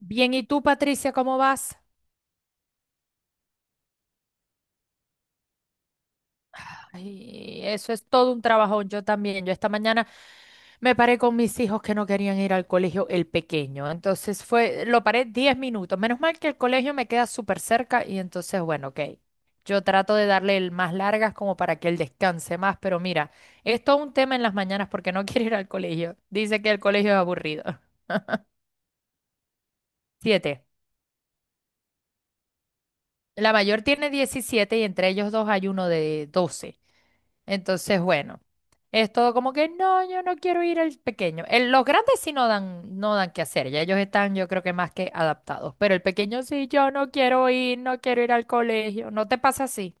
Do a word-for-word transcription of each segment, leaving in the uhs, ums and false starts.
Bien, ¿y tú, Patricia, cómo vas? Ay, eso es todo un trabajón. Yo también. Yo esta mañana me paré con mis hijos que no querían ir al colegio, el pequeño. Entonces fue, lo paré diez minutos. Menos mal que el colegio me queda súper cerca y entonces, bueno, ok. Yo trato de darle el más largas como para que él descanse más, pero mira, es todo un tema en las mañanas porque no quiere ir al colegio. Dice que el colegio es aburrido. Siete. La mayor tiene diecisiete y entre ellos dos hay uno de doce. Entonces, bueno, es todo como que no, yo no quiero ir al pequeño. El- los grandes sí no dan, no dan qué hacer, ya ellos están, yo creo que más que adaptados, pero el pequeño sí, yo no quiero ir, no quiero ir al colegio, ¿no te pasa así?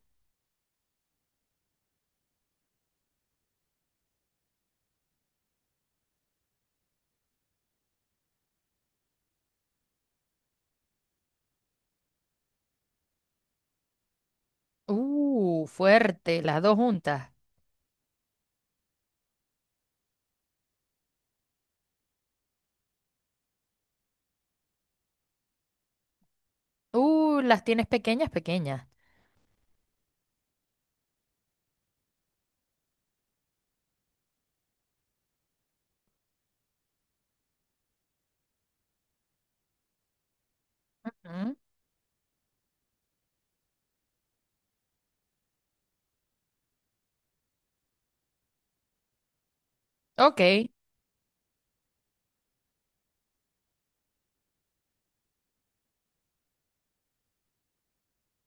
Uh, fuerte, las dos juntas. Uh, las tienes pequeñas, pequeñas. ¿Mm? Ok.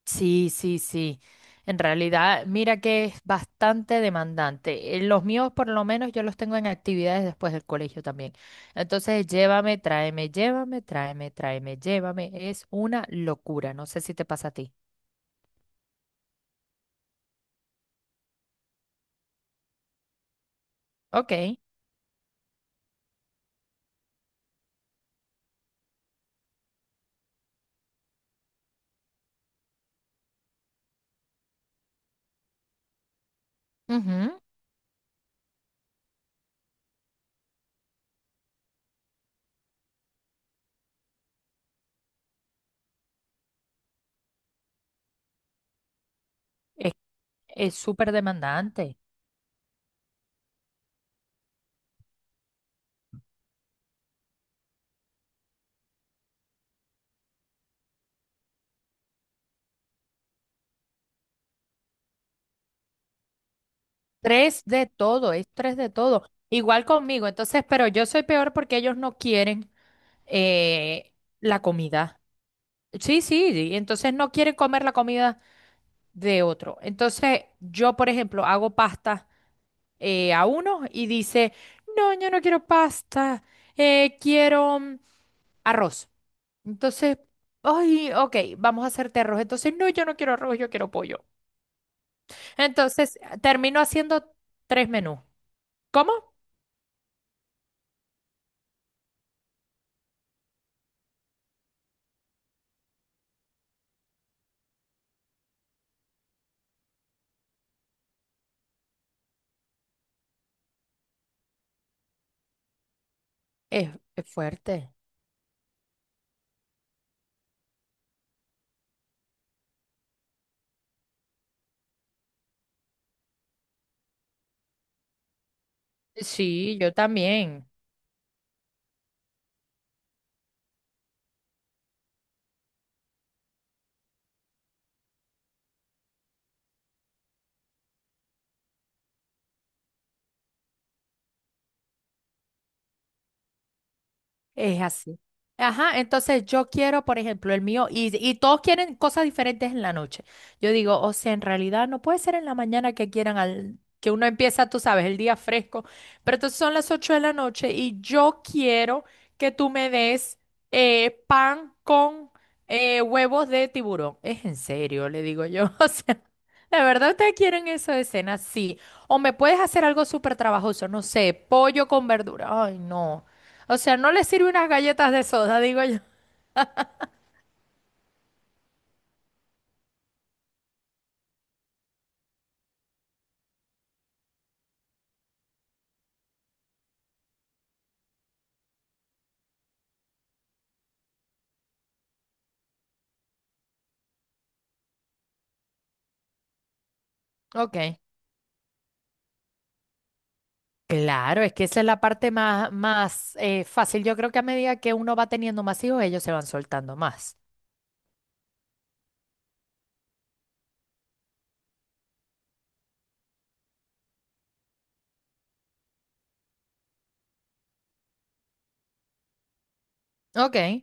Sí, sí, sí. En realidad, mira que es bastante demandante. Eh, Los míos, por lo menos, yo los tengo en actividades después del colegio también. Entonces, llévame, tráeme, llévame, tráeme, tráeme, llévame. Es una locura. No sé si te pasa a ti. Ok. Ujú. Es, es súper demandante. Tres de todo, es tres de todo. Igual conmigo. Entonces, pero yo soy peor porque ellos no quieren eh, la comida. Sí, sí, y entonces no quieren comer la comida de otro. Entonces, yo, por ejemplo, hago pasta eh, a uno y dice, no, yo no quiero pasta, eh, quiero mm, arroz. Entonces, ay, ok, vamos a hacerte arroz. Entonces, no, yo no quiero arroz, yo quiero pollo. Entonces, termino haciendo tres menús. ¿Cómo? Es, es fuerte. Sí, yo también. Es así. Ajá, entonces yo quiero, por ejemplo, el mío, y, y todos quieren cosas diferentes en la noche. Yo digo, o sea, en realidad no puede ser en la mañana que quieran al, que uno empieza, tú sabes, el día fresco, pero entonces son las ocho de la noche y yo quiero que tú me des eh, pan con eh, huevos de tiburón. Es en serio, le digo yo. O sea, ¿de verdad ustedes quieren eso de cena? Sí. O me puedes hacer algo súper trabajoso, no sé, pollo con verdura. Ay, no. O sea, no le sirve unas galletas de soda, digo yo. Ok. Claro, es que esa es la parte más, más eh, fácil. Yo creo que a medida que uno va teniendo más hijos, ellos se van soltando más. Ok,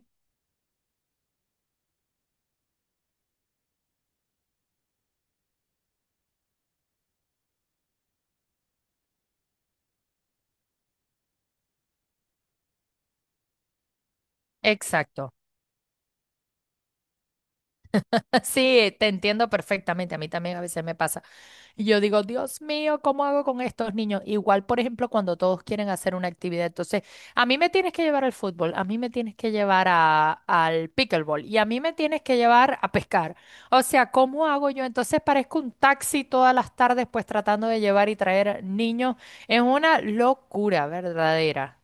exacto. Sí, te entiendo perfectamente. A mí también a veces me pasa. Y yo digo, Dios mío, ¿cómo hago con estos niños? Igual, por ejemplo, cuando todos quieren hacer una actividad. Entonces, a mí me tienes que llevar al fútbol, a mí me tienes que llevar a- al pickleball y a mí me tienes que llevar a pescar. O sea, ¿cómo hago yo? Entonces parezco un taxi todas las tardes, pues tratando de llevar y traer niños. Es una locura verdadera.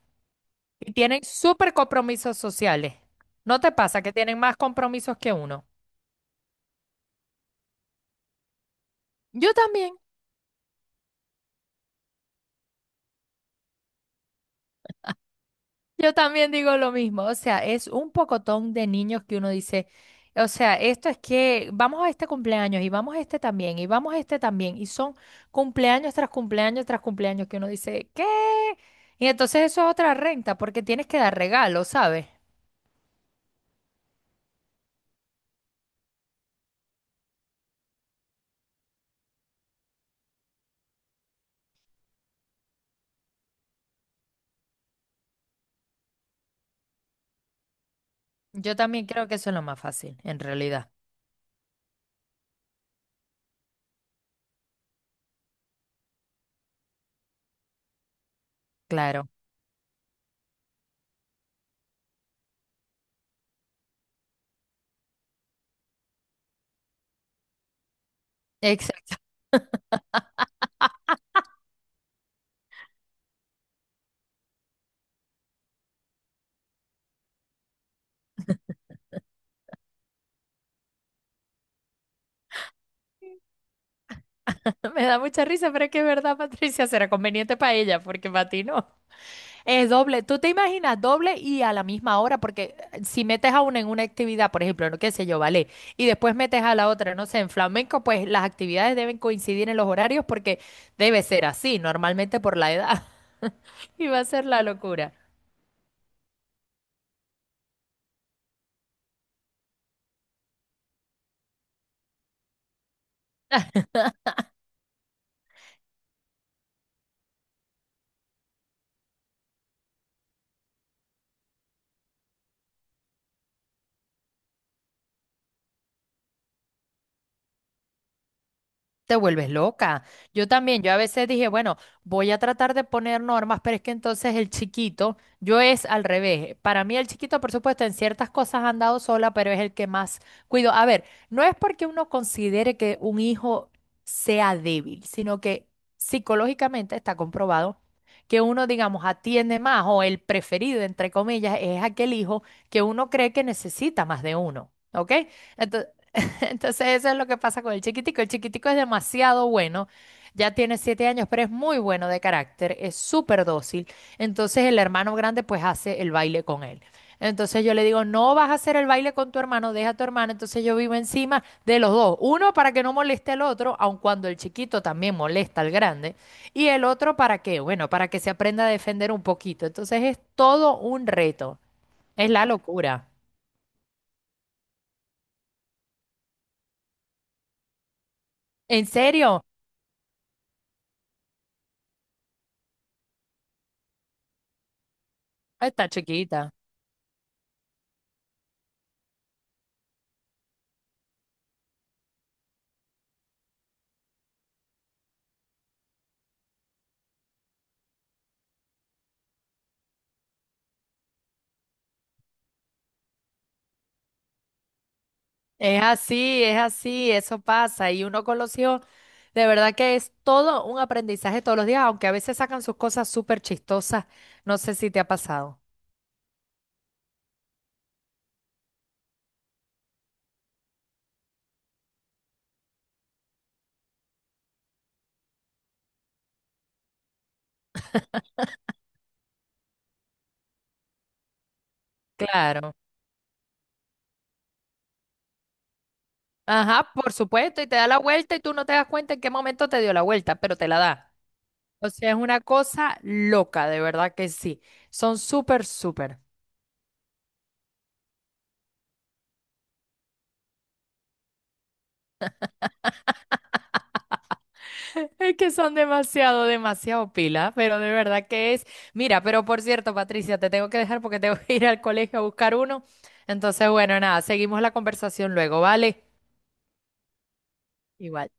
Y tienen súper compromisos sociales. ¿No te pasa que tienen más compromisos que uno? Yo también. Yo también digo lo mismo, o sea, es un pocotón de niños que uno dice, o sea, esto es que vamos a este cumpleaños y vamos a este también y vamos a este también y son cumpleaños tras cumpleaños tras cumpleaños que uno dice, ¿qué? Y entonces eso es otra renta porque tienes que dar regalos, ¿sabes? Yo también creo que eso es lo más fácil, en realidad. Claro. Exacto. Me da mucha risa, pero es que es verdad, Patricia, será conveniente para ella porque para ti no. Es doble, tú te imaginas doble y a la misma hora, porque eh, si metes a una en una actividad, por ejemplo, no qué sé yo, vale, y después metes a la otra, no sé, en flamenco, pues las actividades deben coincidir en los horarios porque debe ser así, normalmente por la edad, y va a ser la locura. Te vuelves loca. Yo también, yo a veces dije, bueno, voy a tratar de poner normas, pero es que entonces el chiquito, yo es al revés. Para mí el chiquito, por supuesto, en ciertas cosas ha andado sola, pero es el que más cuido. A ver, no es porque uno considere que un hijo sea débil, sino que psicológicamente está comprobado que uno, digamos, atiende más o el preferido, entre comillas, es aquel hijo que uno cree que necesita más de uno. ¿Ok? Ento- Entonces eso es lo que pasa con el chiquitico. El chiquitico es demasiado bueno, ya tiene siete años, pero es muy bueno de carácter, es súper dócil. Entonces el hermano grande pues hace el baile con él. Entonces yo le digo, no vas a hacer el baile con tu hermano, deja a tu hermano. Entonces yo vivo encima de los dos. Uno para que no moleste al otro, aun cuando el chiquito también molesta al grande. Y el otro para qué, bueno, para que se aprenda a defender un poquito. Entonces es todo un reto, es la locura. ¿En serio? Está chiquita. Es así, es así, eso pasa. Y uno con los hijos, de verdad que es todo un aprendizaje todos los días, aunque a veces sacan sus cosas súper chistosas. No sé si te ha pasado. Claro. Ajá, por supuesto, y te da la vuelta y tú no te das cuenta en qué momento te dio la vuelta, pero te la da. O sea, es una cosa loca, de verdad que sí. Son súper, súper. Es que son demasiado, demasiado pila, pero de verdad que es. Mira, pero por cierto, Patricia, te tengo que dejar porque tengo que ir al colegio a buscar uno. Entonces, bueno, nada, seguimos la conversación luego, ¿vale? Igual.